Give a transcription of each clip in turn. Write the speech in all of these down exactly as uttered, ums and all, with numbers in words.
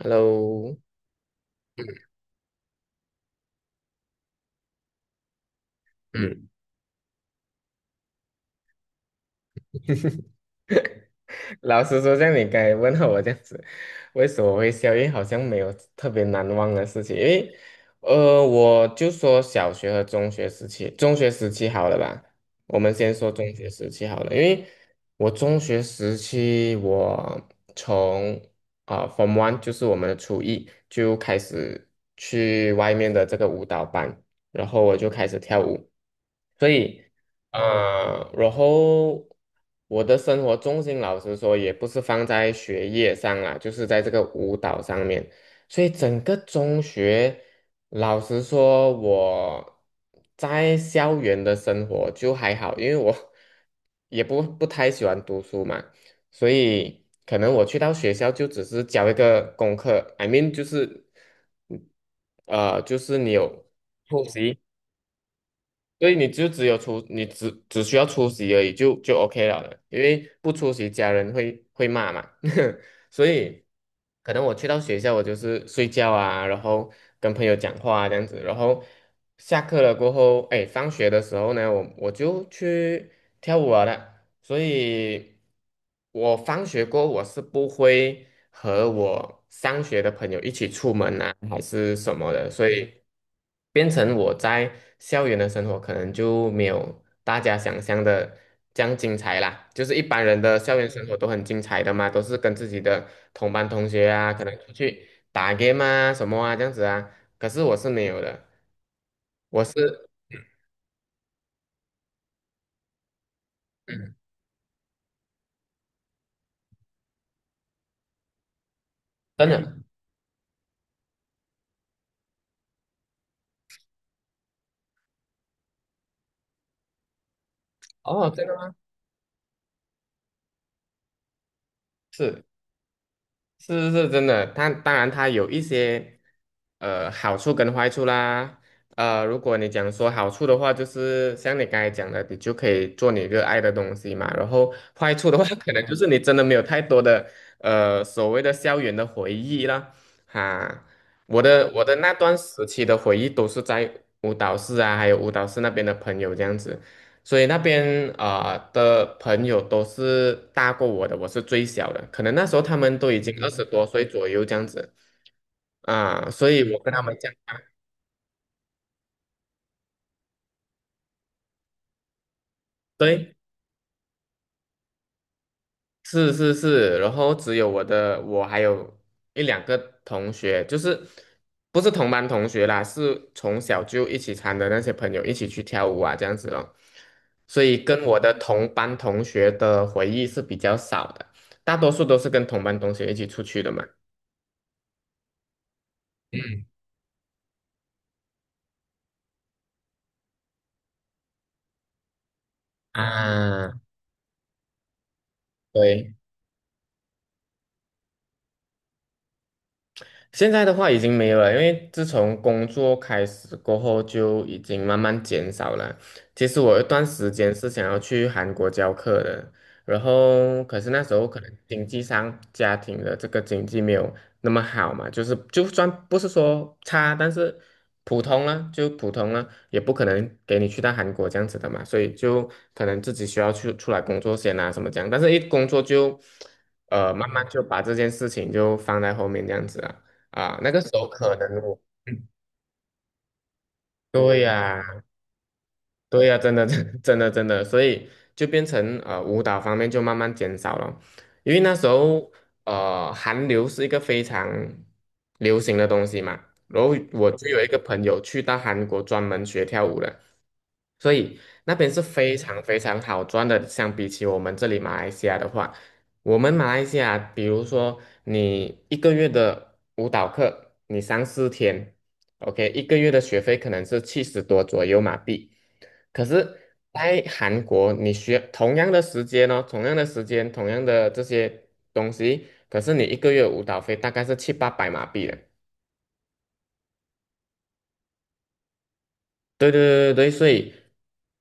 Hello。嗯，嗯，老实说，像你刚才问候我这样子，为什么我会笑？因为好像没有特别难忘的事情，因为，呃，我就说小学和中学时期，中学时期好了吧？我们先说中学时期好了，因为我中学时期，我从啊、f r o m One 就是我们的初一就开始去外面的这个舞蹈班，然后我就开始跳舞。所以啊，然后我的生活重心，老实说，也不是放在学业上啦，就是在这个舞蹈上面。所以整个中学，老实说，我在校园的生活就还好，因为我 也不不太喜欢读书嘛，所以可能我去到学校就只是交一个功课，I mean 就是，嗯呃，就是你有复习。所以你就只有出，你只只需要出席而已，就就 OK 了的，因为不出席家人会会骂嘛，所以可能我去到学校，我就是睡觉啊，然后跟朋友讲话啊这样子，然后下课了过后，哎，放学的时候呢，我我就去跳舞了的。所以我放学过后我是不会和我上学的朋友一起出门啊，还是什么的，所以变成我在校园的生活可能就没有大家想象的这样精彩啦。就是一般人的校园生活都很精彩的嘛，都是跟自己的同班同学啊，可能出去打 game 啊什么啊这样子啊，可是我是没有的，我是 嗯。真的哦，真的吗？是。是是真的，它当然它有一些呃好处跟坏处啦。呃，如果你讲说好处的话，就是像你刚才讲的，你就可以做你热爱的东西嘛。然后坏处的话，可能就嗯是你真的没有太多的呃所谓的校园的回忆了。哈，我的我的那段时期的回忆都是在舞蹈室啊，还有舞蹈室那边的朋友这样子。所以那边啊、呃的朋友都是大过我的，我是最小的，可能那时候他们都已经二十多岁左右这样子。啊、所以我跟他们讲，样搭对，是是是，然后只有我的，我还有一两个同学，就是不是同班同学啦，是从小就一起参的那些朋友一起去跳舞啊这样子咯，所以跟我的同班同学的回忆是比较少的，大多数都是跟同班同学一起出去的嘛。啊，对。现在的话已经没有了，因为自从工作开始过后就已经慢慢减少了。其实我有一段时间是想要去韩国教课的，然后可是那时候可能经济上家庭的这个经济没有那么好嘛，就是就算不是说差，但是普通了就普通了，也不可能给你去到韩国这样子的嘛，所以就可能自己需要去出来工作先啊什么这样，但是一工作就呃慢慢嗯就把这件事情就放在后面这样子啊。有可能我，对呀、对呀、真的，真 真的，真的，所以就变成呃，舞蹈方面就慢慢减少了，因为那时候呃，韩流是一个非常流行的东西嘛，然后我就有一个朋友去到韩国专门学跳舞的，所以那边是非常非常好赚的，相比起我们这里马来西亚的话，我们马来西亚，比如说你一个月的舞蹈课，你上四天，OK，一个月的学费可能是七十多左右马币。可是，在韩国，你需要同样的时间哦，同样的时间，同样的这些东西，可是你一个月舞蹈费大概是七八百马币的。对对对对，所以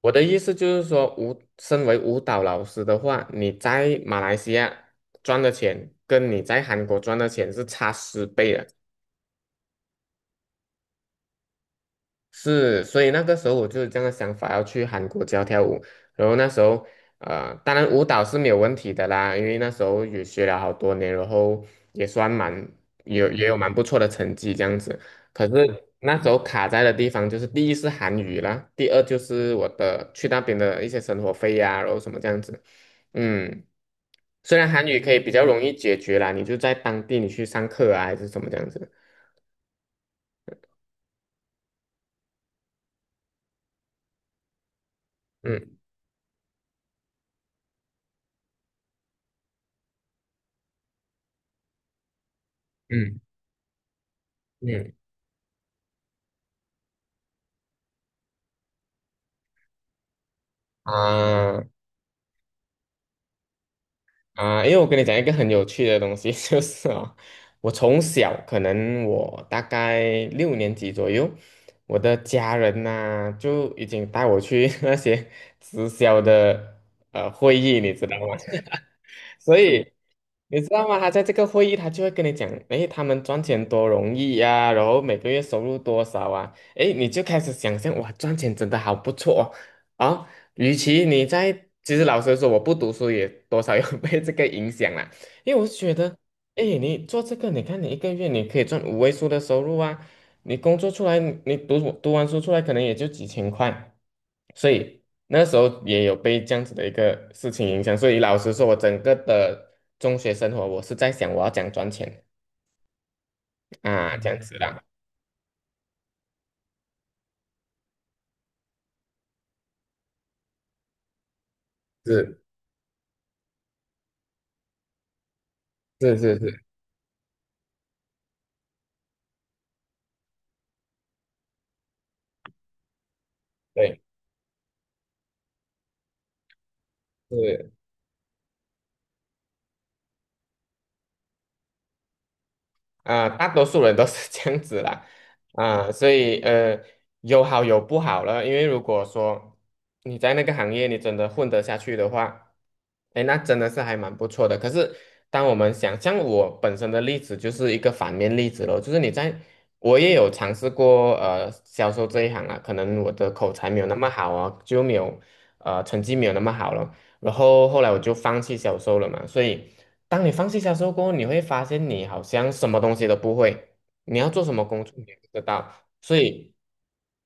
我的意思就是说，舞身为舞蹈老师的话，你在马来西亚赚的钱跟你在韩国赚的钱是差十倍的。是，所以那个时候我就是这样的想法，要去韩国教跳舞。然后那时候，呃，当然舞蹈是没有问题的啦，因为那时候也学了好多年，然后也算蛮有也有蛮不错的成绩这样子。可是那时候卡在的地方就是，第一是韩语啦，第二就是我的去那边的一些生活费呀、然后什么这样子。嗯，虽然韩语可以比较容易解决啦，你就在当地你去上课啊，还是什么这样子。嗯嗯嗯啊，啊，因为我跟你讲一个很有趣的东西，就是啊，我从小可能我大概六年级左右，我的家人呐、就已经带我去 那些直销的呃会议，你知道吗？所以你知道吗？他在这个会议，他就会跟你讲，诶，他们赚钱多容易呀、然后每个月收入多少啊？诶，你就开始想象，哇，赚钱真的好不错哦，啊、与其你在，其实老实说，我不读书也多少有 被这个影响啦，因为我是觉得，哎，你做这个，你看你一个月你可以赚五位数的收入啊，你工作出来，你读读完书出来可能也就几千块，所以那时候也有被这样子的一个事情影响，所以老实说，我整个的中学生活，我是在想我要怎样赚钱啊，这样子嗯啦，是是是是，对，是。啊、大多数人都是 这样子啦，啊、所以呃，有好有不好了。因为如果说你在那个行业你真的混得下去的话，哎，那真的是还蛮不错的。可是当我们想，像我本身的例子就是一个反面例子咯，就是你在，我也有尝试过呃销售这一行啊，可能我的口才没有那么好啊，就没有呃成绩没有那么好了，然后后来我就放弃销售了嘛，所以。当你放弃销售过后，你会发现你好像什么东西都不会，你要做什么工作你也不知道。所以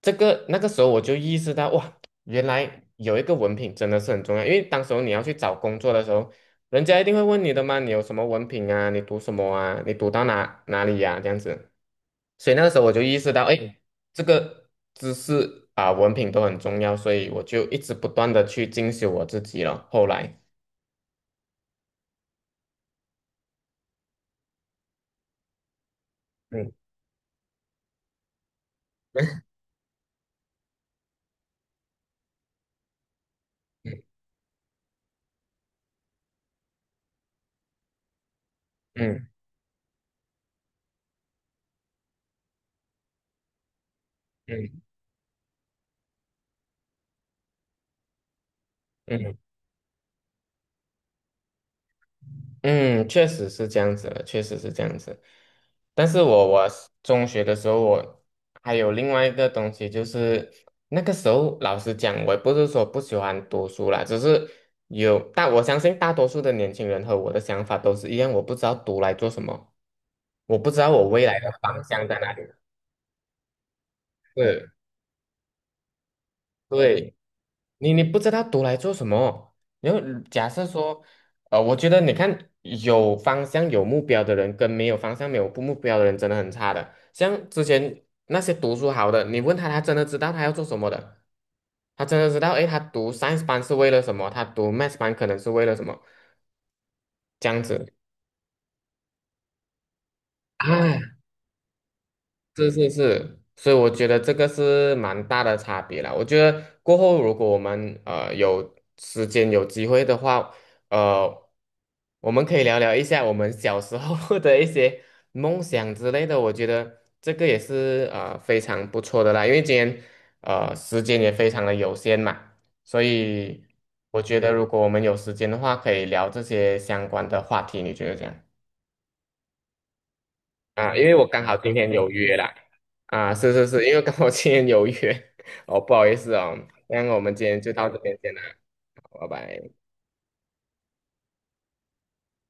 这个那个时候我就意识到，哇，原来有一个文凭真的是很重要。因为当时候你要去找工作的时候，人家一定会问你的嘛，你有什么文凭啊？你读什么啊？你读到哪哪里呀、这样子。所以那个时候我就意识到，哎，这个知识啊、文凭都很重要，所以我就一直不断的去进修我自己了。后来，嗯嗯嗯嗯嗯。嗯，确实是这样子的，确实是这样子。但是我我是中学的时候，我还有另外一个东西，就是那个时候老师讲，我也不是说不喜欢读书啦，只是有，但我相信大多数的年轻人和我的想法都是一样，我不知道读来做什么，我不知道我未来的方向在哪里。对对，你你不知道读来做什么？然后假设说，呃，我觉得你看有方向有目标的人跟没有方向没有不目标的人真的很差的。像之前那些读书好的，你问他，他真的知道他要做什么的，他真的知道，诶，他读 science 班是为了什么？他读 math 班可能是为了什么？这样子，哎，是是是，所以我觉得这个是蛮大的差别啦。我觉得过后如果我们呃有时间有机会的话，呃，我们可以聊聊一下我们小时候 的一些梦想之类的。我觉得这个也是呃非常不错的啦，因为今天呃时间也非常的有限嘛，所以我觉得如果我们有时间的话，可以聊这些相关的话题。你觉得这样？啊，因为我刚好今天有约啦，啊，是是是，因为刚好今天有约，哦，不好意思哦，那我们今天就到这边先啦，好拜拜。